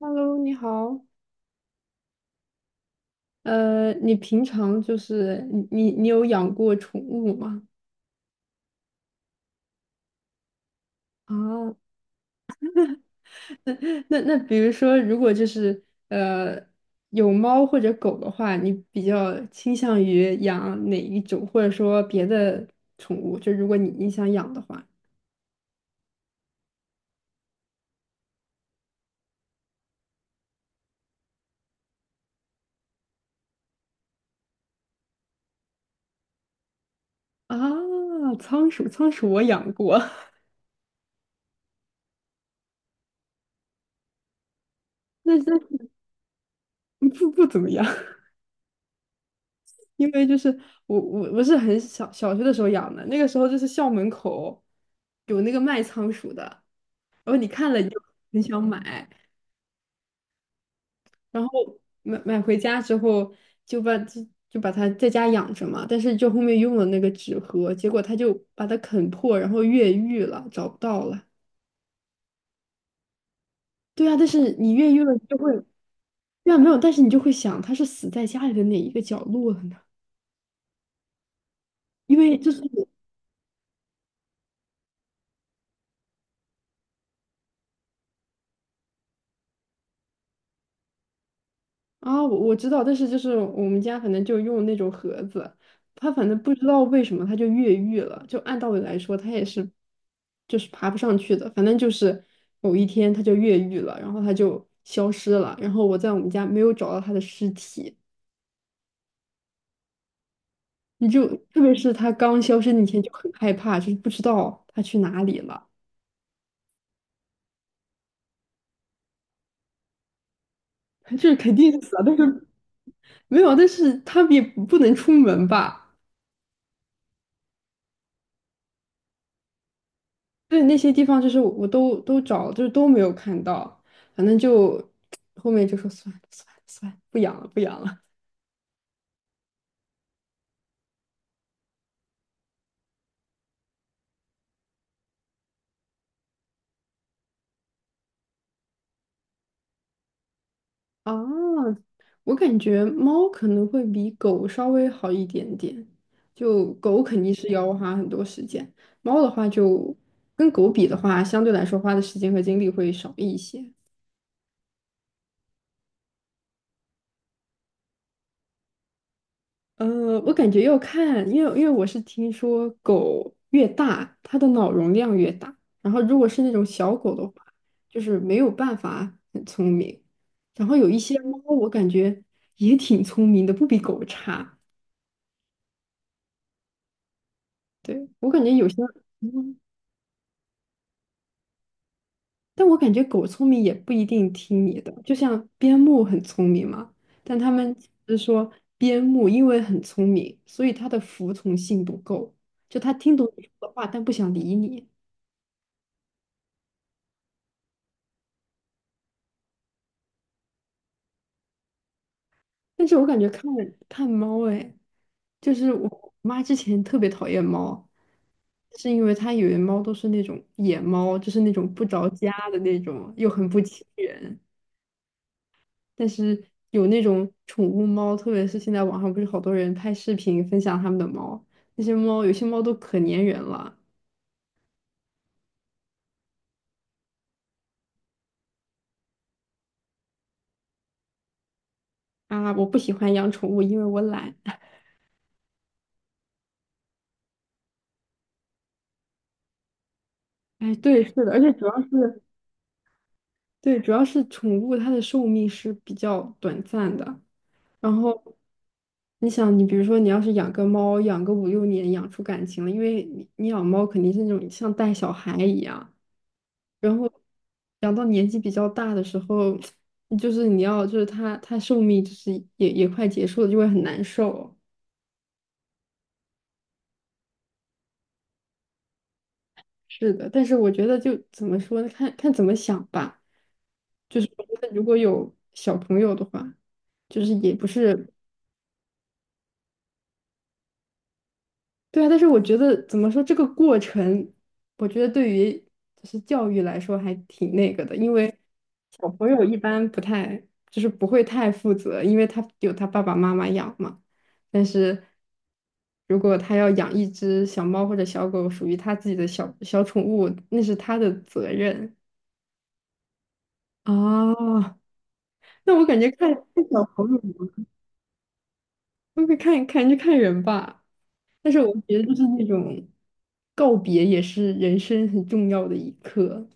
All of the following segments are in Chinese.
Hello，你好。你平常就是你有养过宠物吗？啊，那比如说，如果就是有猫或者狗的话，你比较倾向于养哪一种，或者说别的宠物？就如果你想养的话，啊，仓鼠我养过，那不怎么样，因为就是我是很小小学的时候养的，那个时候就是校门口有那个卖仓鼠的。然后你看了你就很想买，然后买回家之后就把它在家养着嘛，但是就后面用了那个纸盒，结果它就把它啃破，然后越狱了，找不到了。对啊，但是你越狱了你就会，对啊，没有，但是你就会想它是死在家里的哪一个角落了呢？因为就是。啊，我知道，但是就是我们家反正就用那种盒子，它反正不知道为什么它就越狱了。就按道理来说，它也是就是爬不上去的，反正就是某一天它就越狱了，然后它就消失了，然后我在我们家没有找到它的尸体。你就特别是它刚消失那天就很害怕，就是不知道它去哪里了，就是肯定是死了，但是没有，但是它也不能出门吧。对，那些地方就是我都找，就是都没有看到，反正就后面就说算了算了算了，不养了不养了啊。我感觉猫可能会比狗稍微好一点点，就狗肯定是要花很多时间，猫的话就跟狗比的话，相对来说花的时间和精力会少一些。呃，我感觉要看，因为我是听说狗越大，它的脑容量越大，然后如果是那种小狗的话，就是没有办法很聪明，然后有一些猫，我感觉也挺聪明的，不比狗差。对，我感觉有些，嗯，但我感觉狗聪明也不一定听你的，就像边牧很聪明嘛，但他们是说边牧因为很聪明，所以它的服从性不够，就它听懂你说的话，但不想理你。但是我感觉看猫，哎，就是我妈之前特别讨厌猫，是因为她以为猫都是那种野猫，就是那种不着家的那种，又很不亲人。但是有那种宠物猫，特别是现在网上不是好多人拍视频分享他们的猫，那些猫有些猫都可粘人了啊！我不喜欢养宠物，因为我懒。哎，对，是的，而且主要是对，主要是宠物它的寿命是比较短暂的。然后你想，你比如说，你要是养个猫，养个5、6年，养出感情了，因为你养猫肯定是那种像带小孩一样，然后养到年纪比较大的时候，就是你要就是它寿命就是也快结束了，就会很难受。是的，但是我觉得就怎么说呢，看看怎么想吧。就是我觉得如果有小朋友的话，就是也不是对啊，但是我觉得怎么说这个过程，我觉得对于就是教育来说还挺那个的，因为小朋友一般不太就是不会太负责，因为他有他爸爸妈妈养嘛。但是如果他要养一只小猫或者小狗，属于他自己的小小宠物，那是他的责任啊。那我感觉看小朋友嘛，会不会看就看人吧。但是我觉得就是那种告别也是人生很重要的一刻，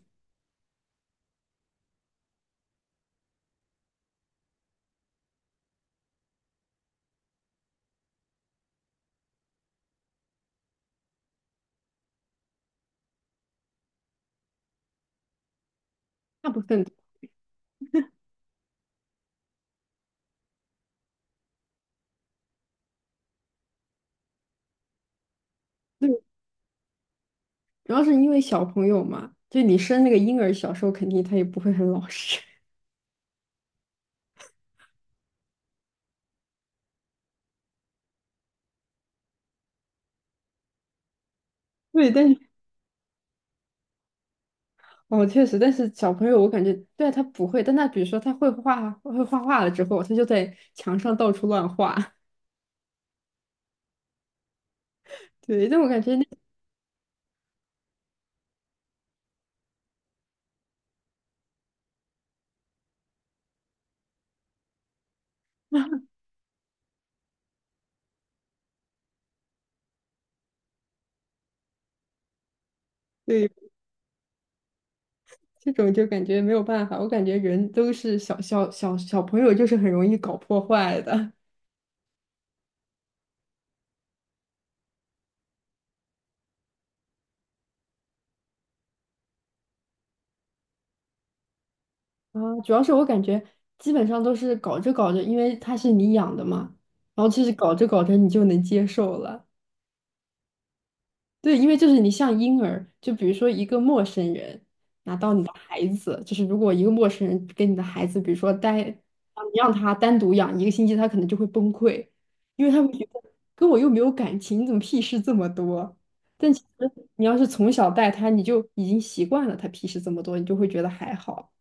大部分对，主要是因为小朋友嘛，就你生那个婴儿，小时候肯定他也不会很老实，对，但是哦，确实，但是小朋友我感觉对啊，他不会，但他比如说他会画画了之后，他就在墙上到处乱画，对，但我感觉那对这种就感觉没有办法，我感觉人都是小小朋友就是很容易搞破坏的，啊，主要是我感觉基本上都是搞着搞着，因为它是你养的嘛，然后其实搞着搞着你就能接受了。对，因为就是你像婴儿，就比如说一个陌生人拿到你的孩子，就是如果一个陌生人跟你的孩子，比如说待，你让他单独养1个星期，他可能就会崩溃，因为他会觉得跟我又没有感情，你怎么屁事这么多？但其实你要是从小带他，你就已经习惯了他屁事这么多，你就会觉得还好。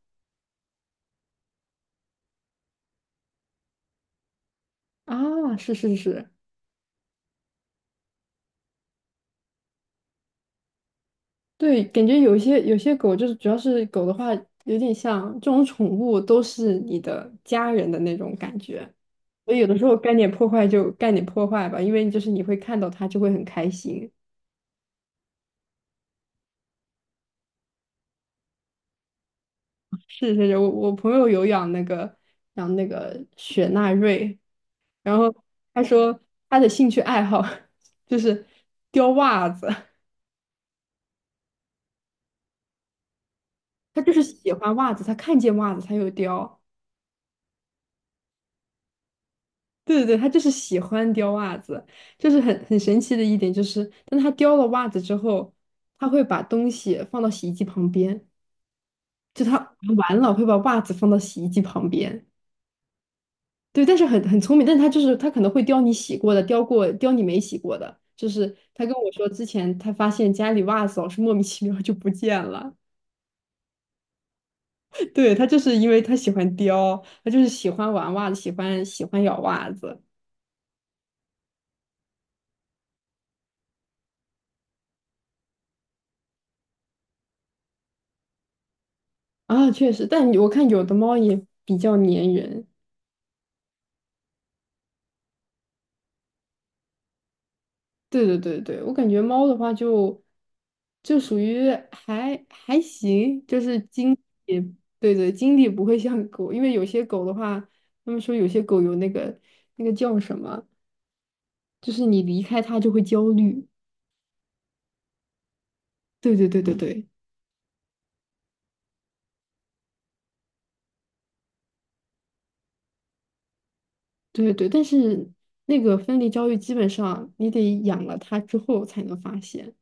啊，是是是，对，感觉有些狗就是，主要是狗的话，有点像这种宠物都是你的家人的那种感觉，所以有的时候干点破坏就干点破坏吧，因为就是你会看到它就会很开心。是是是，我朋友有养那个雪纳瑞，然后他说他的兴趣爱好 就是叼袜子，他就是喜欢袜子，他看见袜子他就叼。对对对，他就是喜欢叼袜子，就是很神奇的一点就是，当他叼了袜子之后，他会把东西放到洗衣机旁边，就他完了会把袜子放到洗衣机旁边。对，但是很聪明，但是他就是他可能会叼你洗过的，叼你没洗过的。就是他跟我说之前他发现家里袜子老是莫名其妙就不见了，对，他就是因为他喜欢叼，他就是喜欢玩袜子，喜欢咬袜子啊，确实，但我看有的猫也比较粘人。对对对对，我感觉猫的话就就属于还行，就是精力，对对，精力不会像狗，因为有些狗的话，他们说有些狗有那个那个叫什么，就是你离开它就会焦虑。对对对对对对对，但是那个分离焦虑基本上你得养了它之后才能发现，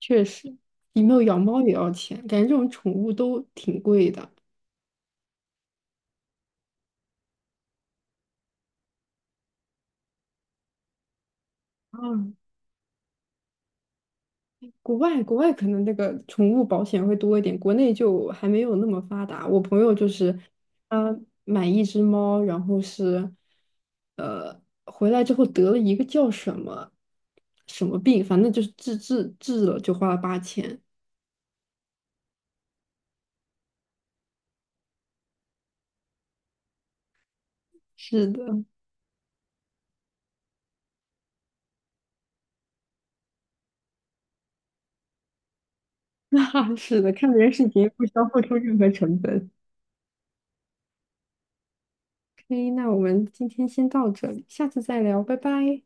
确实，你没有养猫也要钱，感觉这种宠物都挺贵的。啊国外可能那个宠物保险会多一点，国内就还没有那么发达。我朋友就是他买一只猫，然后是回来之后得了一个叫什么什么病，反正就是治了就花了8000。是的，那是的，看别人视频不需要付出任何成本。OK，那我们今天先到这里，下次再聊，拜拜。